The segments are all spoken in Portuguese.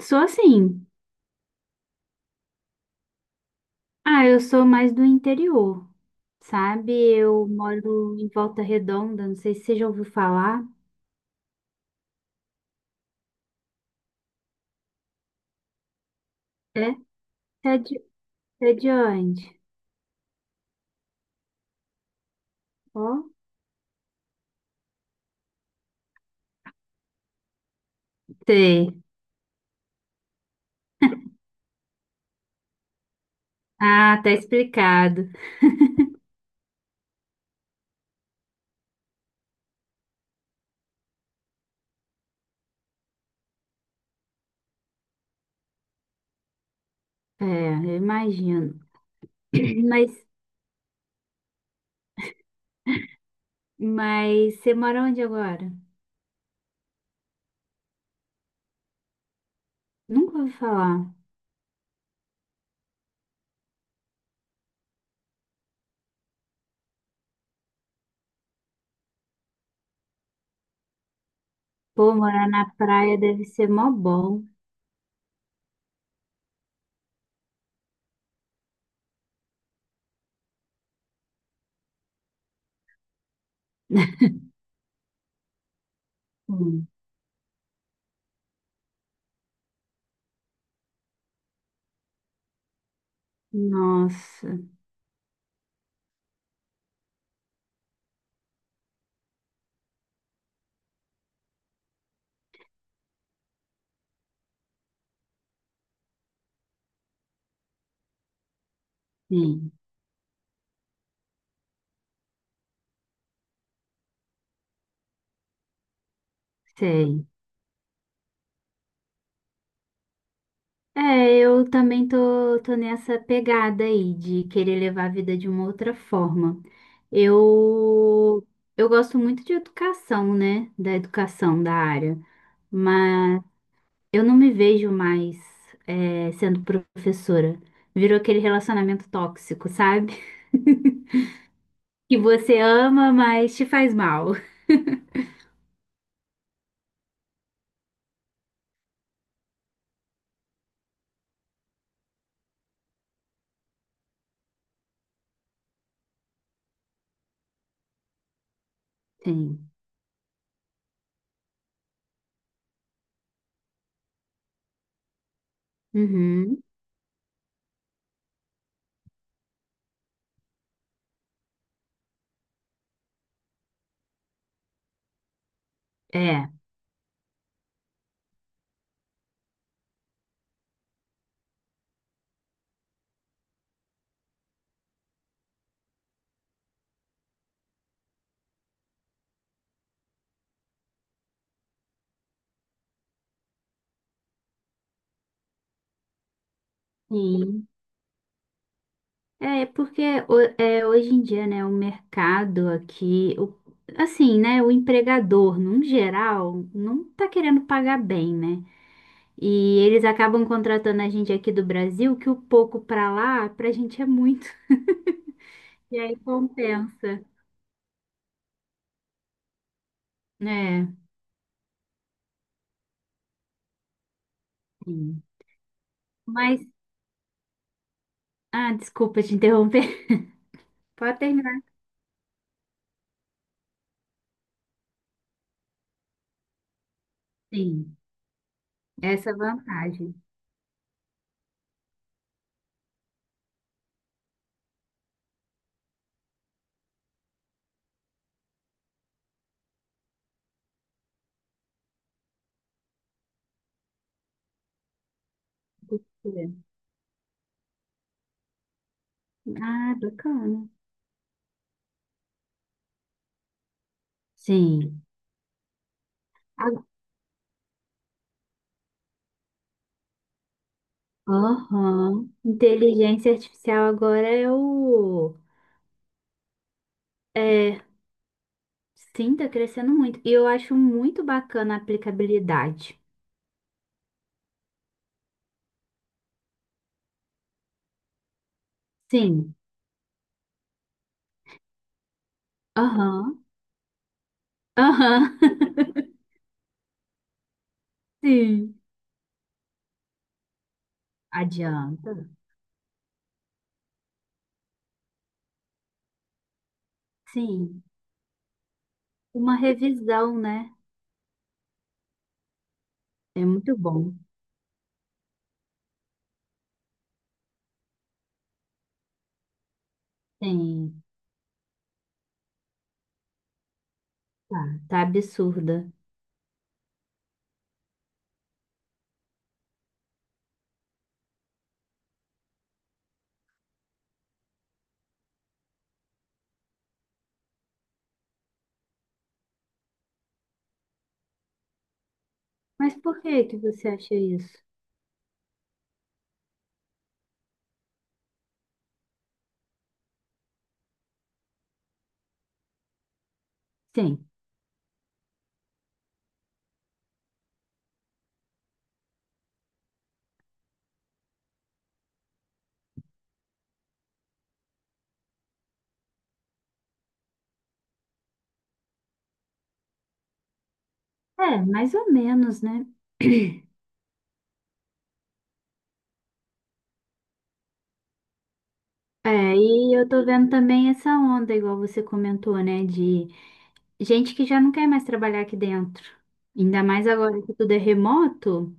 Sou assim. Ah, eu sou mais do interior, sabe? Eu moro em Volta Redonda, não sei se você já ouviu falar. É? É de, é de onde? Ó. Sei. Ah, tá explicado. É, eu imagino. Mas, mas você mora onde agora? Nunca ouvi falar. Pô, morar na praia deve ser mó bom. Hum. Nossa, sim, sei. É, eu também tô nessa pegada aí de querer levar a vida de uma outra forma. Eu, eu gosto muito de educação, né? Da educação da área, mas eu não me vejo mais sendo professora. Virou aquele relacionamento tóxico, sabe? Que você ama, mas te faz mal. Sim. Uhum. É. Sim. É, é porque hoje em dia, né, o mercado aqui, o- assim, né, o empregador, num geral, não tá querendo pagar bem, né? E eles acabam contratando a gente aqui do Brasil, que o pouco pra lá, pra gente é muito. E aí compensa. É, sim. Mas, ah, desculpa te interromper. Pode terminar. Sim, essa é a vantagem. Ah, bacana. Sim. Aham. Inteligência artificial agora é o. É, sim, tá crescendo muito. E eu acho muito bacana a aplicabilidade. Sim. Aham. Aham. Sim. Adianta. Sim. Uma revisão, né? É muito bom. Sim. Tá, tá absurda. Mas por que que você acha isso? Sim. É, mais ou menos, né? É, e eu tô vendo também essa onda, igual você comentou, né? De gente que já não quer mais trabalhar aqui dentro. Ainda mais agora que tudo é remoto,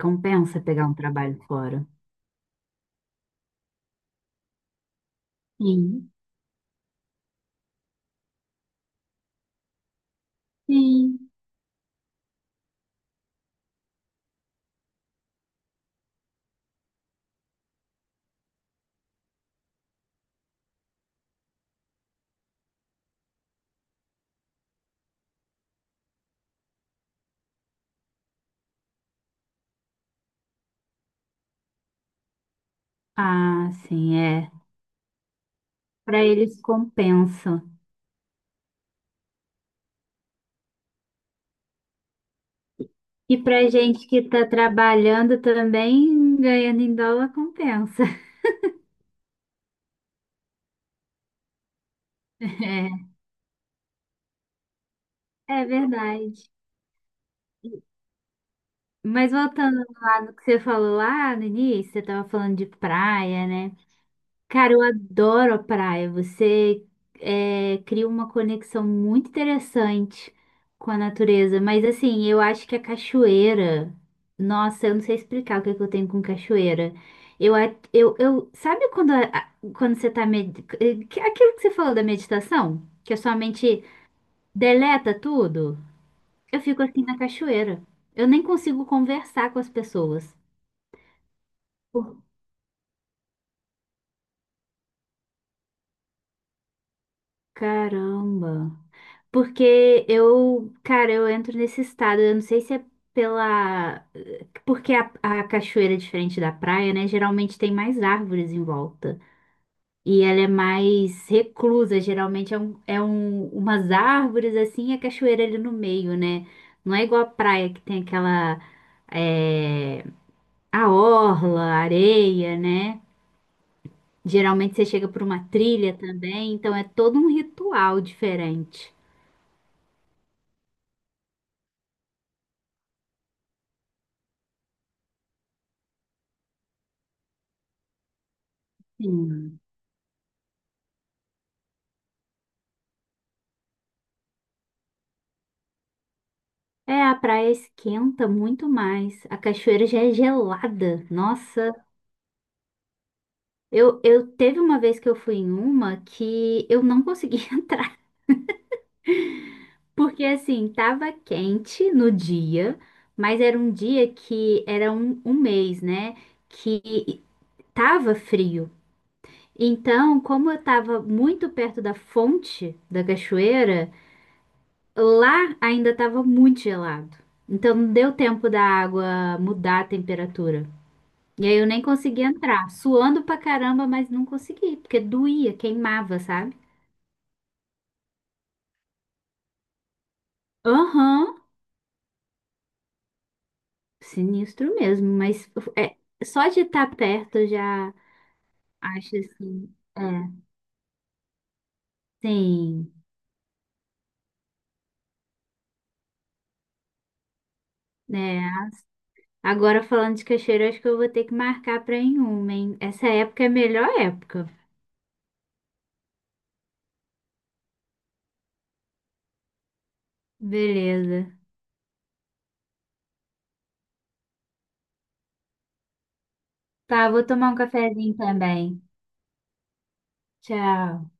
compensa pegar um trabalho fora. Sim, sim. Ah, sim, é. Para eles compensa. E para gente que está trabalhando também, ganhando em dólar, compensa. É, é verdade. Mas voltando lá no que você falou lá no início, você estava falando de praia, né? Cara, eu adoro a praia. Cria uma conexão muito interessante com a natureza. Mas assim, eu acho que a cachoeira. Nossa, eu não sei explicar o que é que eu tenho com cachoeira. Eu, a- eu, sabe quando, quando você tá. Aquilo que você falou da meditação? Que a sua mente deleta tudo? Eu fico assim na cachoeira. Eu nem consigo conversar com as pessoas. Por- Caramba. Porque eu, cara, eu entro nesse estado. Eu não sei se é pela. Porque a cachoeira é diferente da praia, né? Geralmente tem mais árvores em volta. E ela é mais reclusa. Geralmente é um, umas árvores assim e a cachoeira ali no meio, né? Não é igual a praia que tem aquela. É, a orla, a areia, né? Geralmente você chega por uma trilha também. Então é todo um ritual diferente. Sim. É, a praia esquenta muito mais. A cachoeira já é gelada. Nossa, eu teve uma vez que eu fui em uma que eu não consegui entrar, porque assim, tava quente no dia, mas era um dia que era um mês, né? Que tava frio. Então, como eu tava muito perto da fonte da cachoeira, lá ainda tava muito gelado. Então, não deu tempo da água mudar a temperatura. E aí eu nem consegui entrar, suando pra caramba, mas não consegui, porque doía, queimava, sabe? Aham, sinistro mesmo, mas é, só de estar perto eu já acho assim, é, sim, né? Agora falando de cachoeira, acho que eu vou ter que marcar pra ir em uma, hein? Essa época é a melhor época. Beleza. Tá, vou tomar um cafezinho também. Tchau.